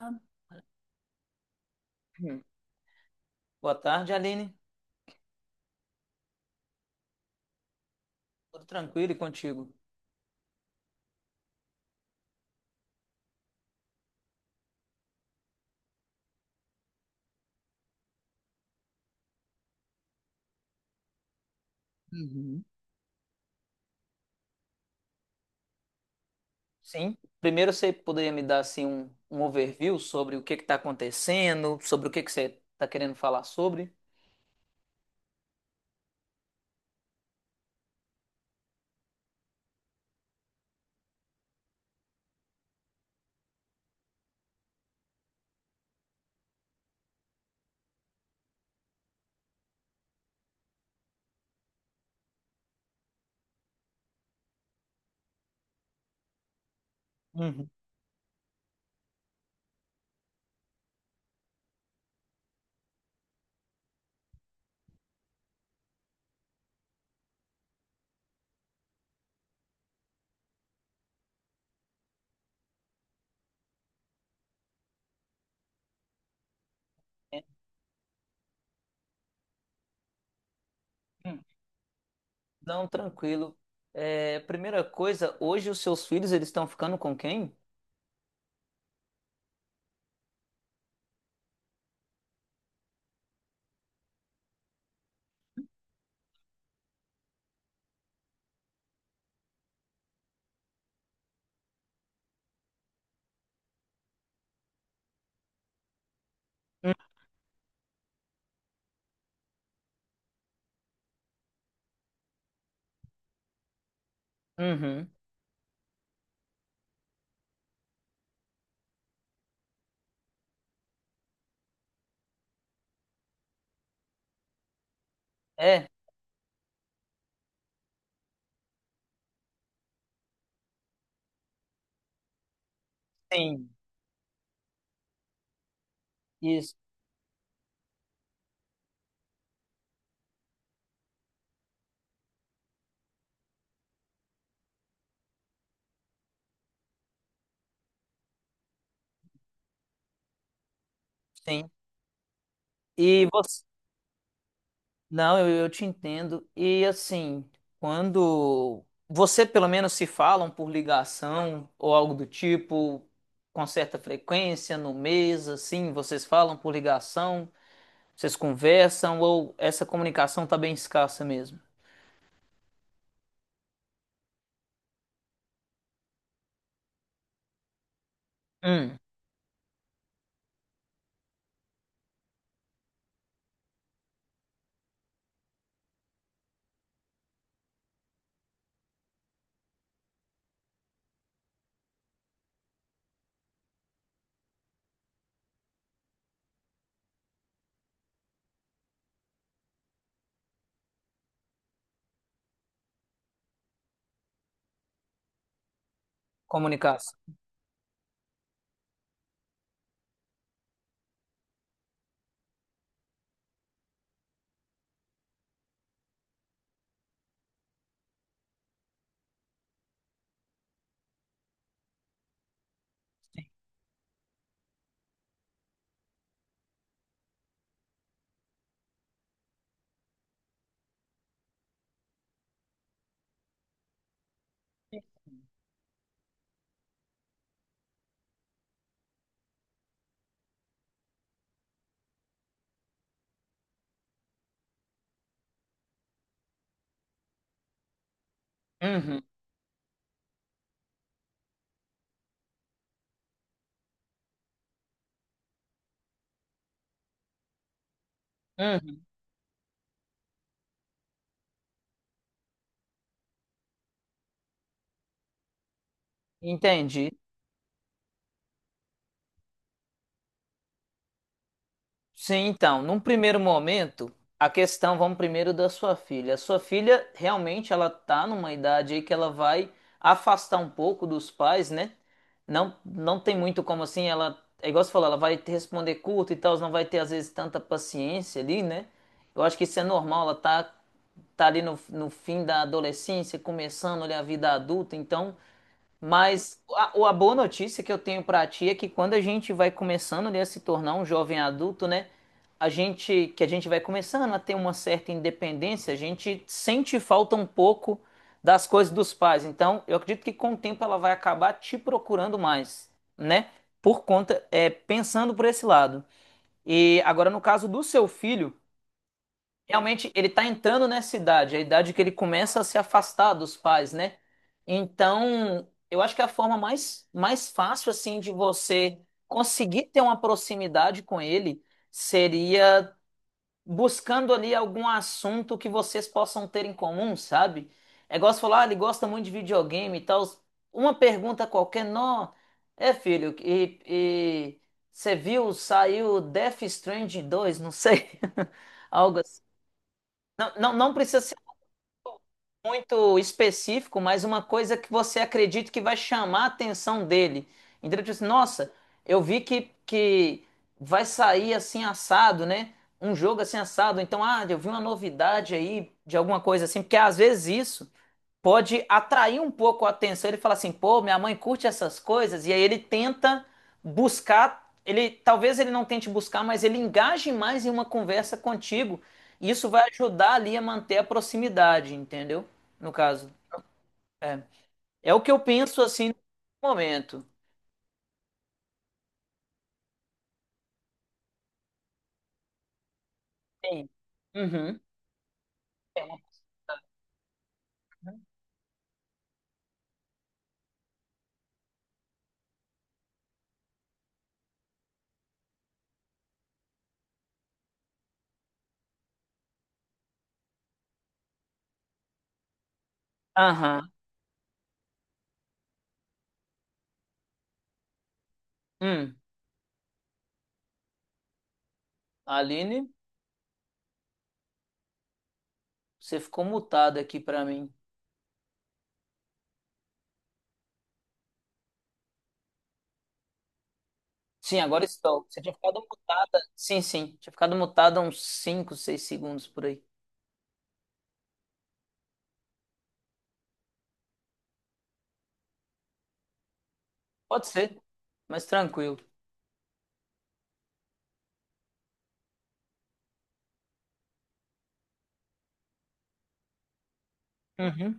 Hum. Boa tarde, Aline. Tudo tranquilo e contigo? Uhum. Sim. Primeiro, você poderia me dar assim um overview sobre o que está acontecendo, sobre o que que você está querendo falar sobre? Uhum. É. Hum. Não, tranquilo. É, primeira coisa, hoje os seus filhos eles estão ficando com quem? Hum. Uhum. É, sim, isso, sim. E você? Não, eu te entendo. E assim, quando você pelo menos se falam por ligação ou algo do tipo, com certa frequência, no mês, assim, vocês falam por ligação, vocês conversam, ou essa comunicação tá bem escassa mesmo? Hum, comunicação. Uhum, uhum. Entendi. Sim, então, num primeiro momento, a questão, vamos primeiro da sua filha. A sua filha realmente ela tá numa idade aí que ela vai afastar um pouco dos pais, né? Não, não tem muito como assim, ela, é igual você falou, ela vai te responder curto e tal, não vai ter às vezes tanta paciência ali, né? Eu acho que isso é normal, ela tá ali no fim da adolescência, começando ali a vida adulta, então mas a boa notícia que eu tenho pra ti é que quando a gente vai começando, né, a se tornar um jovem adulto, né? A gente, que a gente vai começando a ter uma certa independência, a gente sente falta um pouco das coisas dos pais. Então, eu acredito que com o tempo ela vai acabar te procurando mais, né? Por conta, é, pensando por esse lado. E agora, no caso do seu filho. Realmente, ele tá entrando nessa idade, a idade que ele começa a se afastar dos pais, né? Então, eu acho que é a forma mais fácil, assim, de você conseguir ter uma proximidade com ele seria buscando ali algum assunto que vocês possam ter em comum, sabe? É igual você falar, ah, ele gosta muito de videogame e tal. Uma pergunta qualquer, não. É, filho, e você viu, saiu Death Stranding dois não sei. Algo assim. Não, não, não precisa ser muito específico, mas uma coisa que você acredita que vai chamar a atenção dele. Entendeu? Tipo assim, nossa, eu vi que vai sair assim assado, né? Um jogo assim assado. Então, ah, eu vi uma novidade aí de alguma coisa assim, porque às vezes isso pode atrair um pouco a atenção. Ele fala assim, pô, minha mãe curte essas coisas, e aí ele tenta buscar, ele talvez ele não tente buscar, mas ele engaje mais em uma conversa contigo. E isso vai ajudar ali a manter a proximidade, entendeu? No caso. É, é o que eu penso assim no momento. Sim. Uhum. Aham. Hum. Aline, você ficou mutada aqui pra mim. Sim, agora estou. Você tinha ficado mutada. Sim, sim. Tinha ficado mutada uns 5 6 segundos por aí. Pode ser, mas tranquilo. Uhum.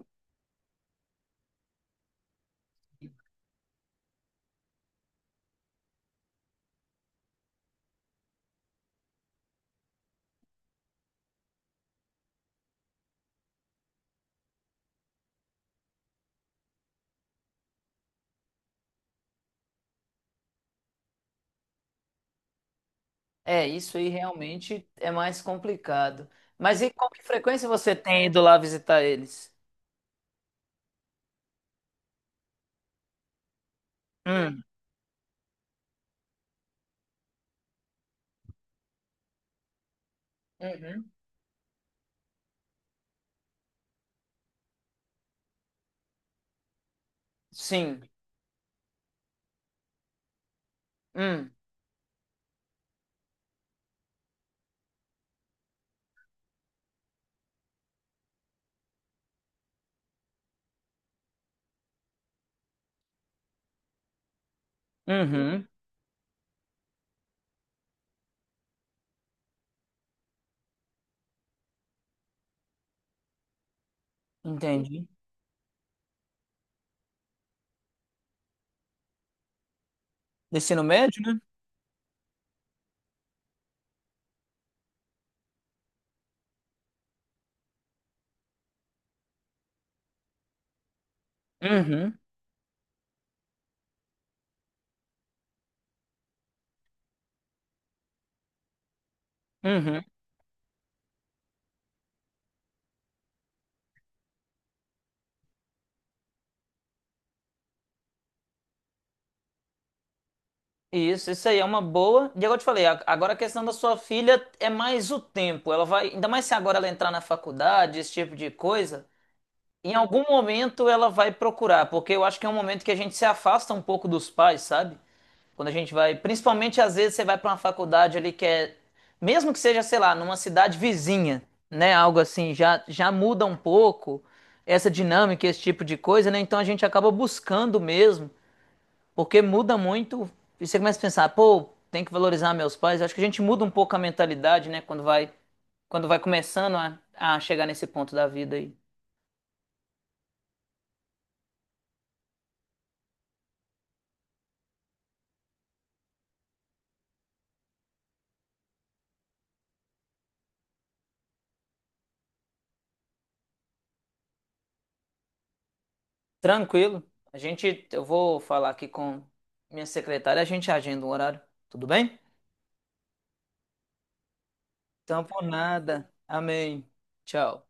É, isso aí realmente é mais complicado. Mas e com que frequência você tem ido lá visitar eles? Hum. Uhum. Sim. Hum. Uhum. Entendi. Do ensino médio, né? Uhum. Uhum. Isso aí é uma boa. E agora eu te falei, agora a questão da sua filha é mais o tempo. Ela vai, ainda mais se agora ela entrar na faculdade, esse tipo de coisa, em algum momento ela vai procurar, porque eu acho que é um momento que a gente se afasta um pouco dos pais, sabe? Quando a gente vai, principalmente às vezes você vai para uma faculdade ali que é, mesmo que seja, sei lá, numa cidade vizinha, né, algo assim, já já muda um pouco essa dinâmica, esse tipo de coisa, né? Então a gente acaba buscando mesmo, porque muda muito. E você começa a pensar, pô, tem que valorizar meus pais. Acho que a gente muda um pouco a mentalidade, né, quando vai começando a chegar nesse ponto da vida aí. Tranquilo. Eu vou falar aqui com minha secretária, a gente agenda um horário. Tudo bem? Então, por nada. Amém. Tchau.